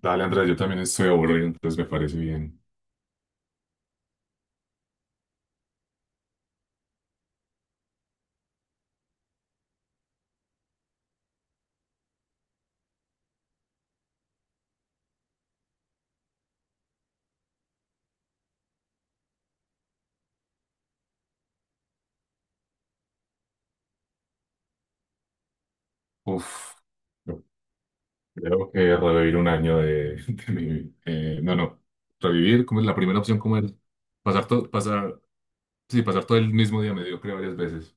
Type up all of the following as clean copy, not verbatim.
Dale, Andrés, yo también estoy aburrido, entonces me parece bien. Uf, yo creo que revivir un año de mi... no, no, revivir, como es la primera opción, como el pasar todo, pasar, sí, pasar todo el mismo día mediocre varias veces.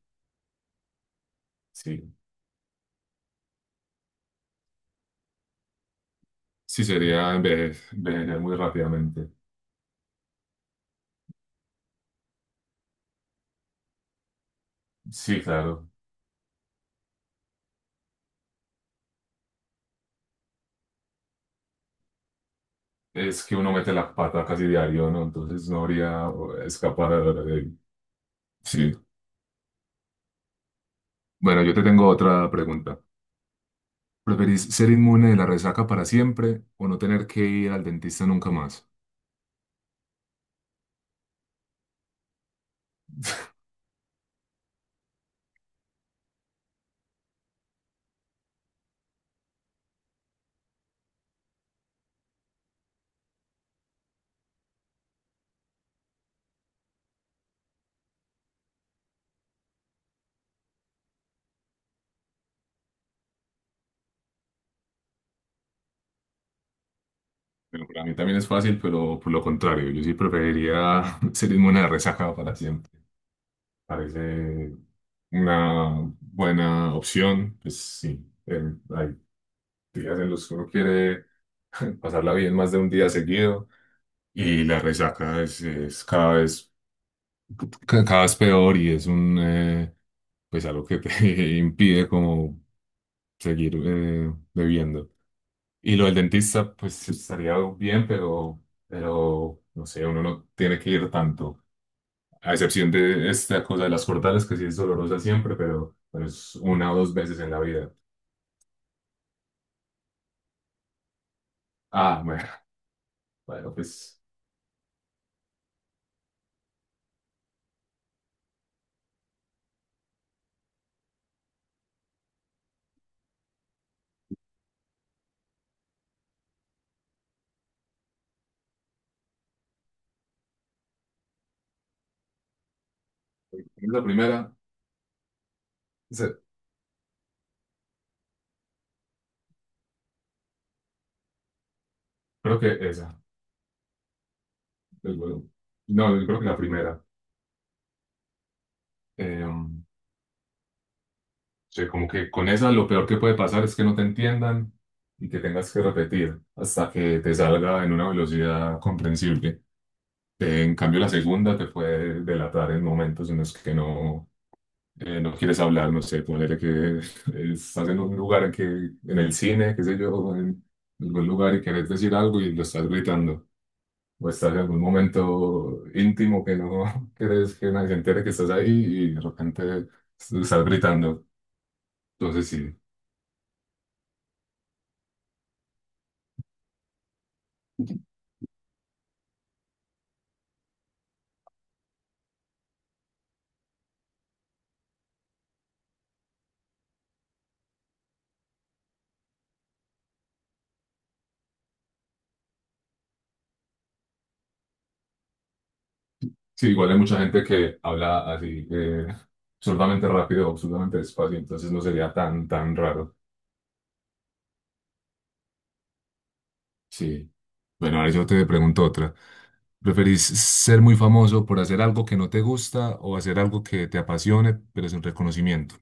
Sí, sí, sería envejecer muy rápidamente. Sí, claro, es que uno mete la pata casi diario, ¿no? Entonces no habría escapar. De sí. Bueno, yo te tengo otra pregunta. ¿Preferís ser inmune de la resaca para siempre o no tener que ir al dentista nunca más? Bueno, para mí también es fácil, pero por lo contrario, yo sí preferiría ser inmune a la resaca para siempre. Parece una buena opción. Pues sí, hay días en los que uno quiere pasarla bien más de un día seguido y la resaca es cada vez, cada vez peor y es un, pues algo que te impide como seguir bebiendo. Y lo del dentista, pues estaría bien, pero no sé, uno no tiene que ir tanto, a excepción de esta cosa de las cortadas, que sí es dolorosa siempre, pero es una o dos veces en la vida. Ah, bueno, bueno, pues la primera, se- creo que esa, el no, yo creo que la primera. O como que con esa lo peor que puede pasar es que no te entiendan y que tengas que repetir hasta que te salga en una velocidad comprensible. En cambio, la segunda te puede delatar en momentos en los que no, no quieres hablar, no sé, ponele que estás en un lugar que, en el cine, qué sé yo, en algún lugar y querés decir algo y lo estás gritando, o estás en algún momento íntimo que no quieres que nadie se entere que estás ahí y de repente estás gritando. Entonces, sí, sí, igual hay mucha gente que habla así, absurdamente rápido, absurdamente despacio, entonces no sería tan, tan raro. Sí. Bueno, ahora yo te pregunto otra. ¿Preferís ser muy famoso por hacer algo que no te gusta o hacer algo que te apasione pero sin reconocimiento?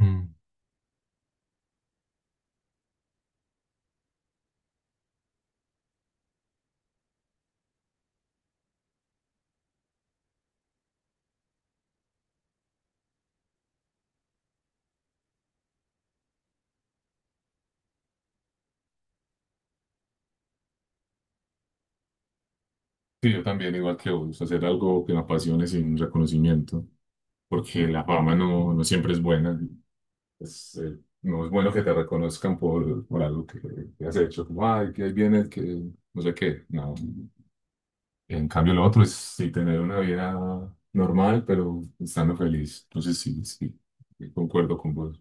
Mm. Sí, yo también, igual que vos, hacer algo que me apasione sin reconocimiento, porque la fama no, no siempre es buena. Es, no es bueno que te reconozcan por algo que has hecho, como, ay, que ahí viene el que no sé qué. No. En cambio, lo otro es sí tener una vida normal, pero estando feliz. Entonces, sí, sí, concuerdo con vos.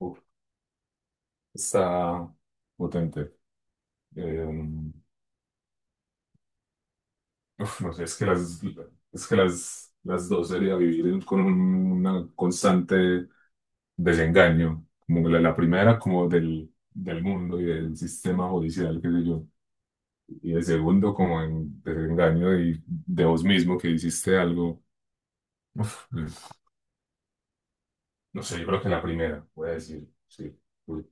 Uf, está potente. Eh, uf, no sé, es que las dos sería vivir con una constante desengaño. Como la primera, como del, del mundo y del sistema judicial, qué sé yo. Y el segundo, como en desengaño y de vos mismo que hiciste algo. Uf, no sé, yo creo que la primera, voy a decir. Sí, uy,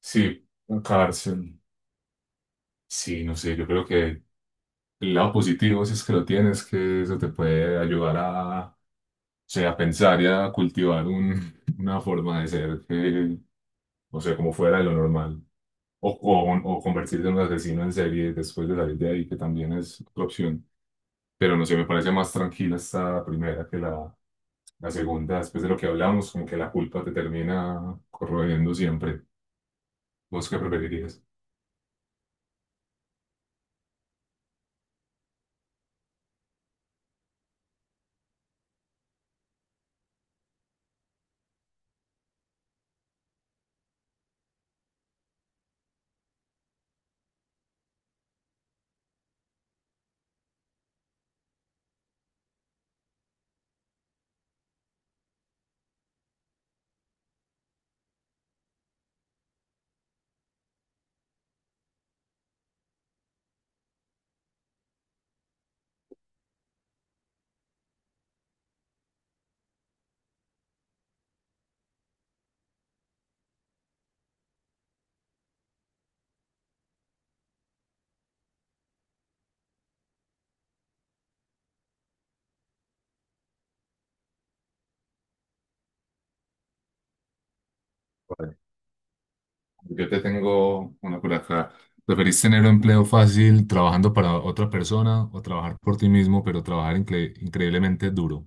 sí, cárcel. Sí, no sé, yo creo que el lado positivo, si es que lo tienes, que eso te puede ayudar a, o sea, a pensar y a cultivar una forma de ser que, o sea, como fuera de lo normal. O convertirte en un asesino en serie después de salir de ahí, que también es otra opción. Pero no sé, me parece más tranquila esta primera que la segunda. Después de lo que hablamos, como que la culpa te termina corroyendo siempre. ¿Vos qué preferirías? Vale. Yo te tengo una por acá. ¿Preferís tener un empleo fácil trabajando para otra persona o trabajar por ti mismo, pero trabajar increíblemente duro?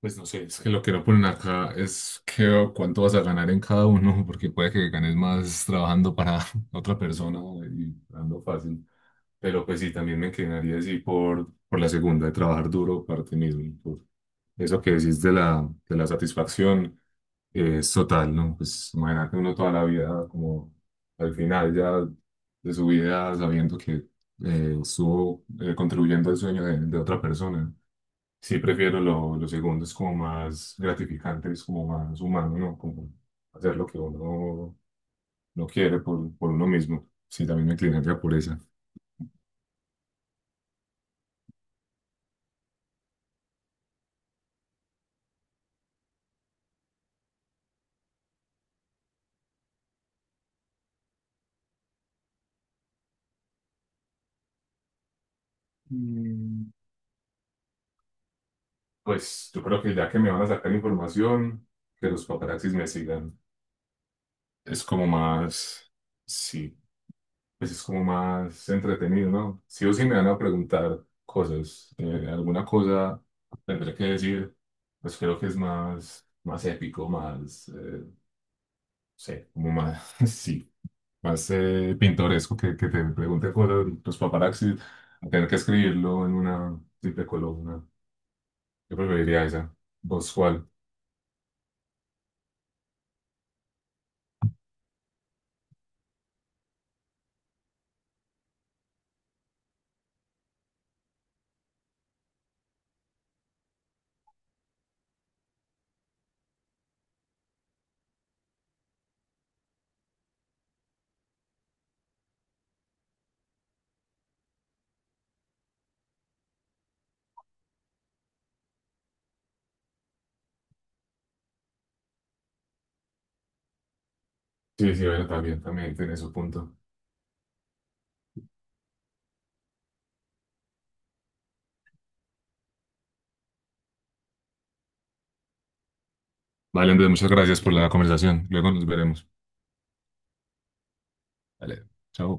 Pues no sé, es que lo que no ponen acá es que cuánto vas a ganar en cada uno, porque puede que ganes más trabajando para otra persona y dando fácil. Pero pues sí, también me inclinaría así por la segunda, de trabajar duro para ti mismo. Por eso que decís de la satisfacción es total, ¿no? Pues imagínate uno toda la vida, como al final ya de su vida, sabiendo que estuvo contribuyendo al sueño de otra persona. Sí, prefiero lo segundo, es como más gratificante, es como más humano, ¿no? Como hacer lo que uno no quiere por uno mismo. Sí, también me inclinaría por esa. Mm. Pues yo creo que ya que me van a sacar información, que los paparazzis me sigan. Es como más, sí, pues es como más entretenido, ¿no? Sí o sí me van a preguntar cosas, alguna cosa tendré que decir, pues creo que es más, más épico, más, no sé, como más, sí, más pintoresco que te pregunte cosas los paparazzis, a tener que escribirlo en una simple columna. Yo preferiría esa. ¿Vos cuál? Sí, sí, bueno, también, también tiene su punto. Vale, Andrés, muchas gracias por la conversación. Luego nos veremos. Vale, chao.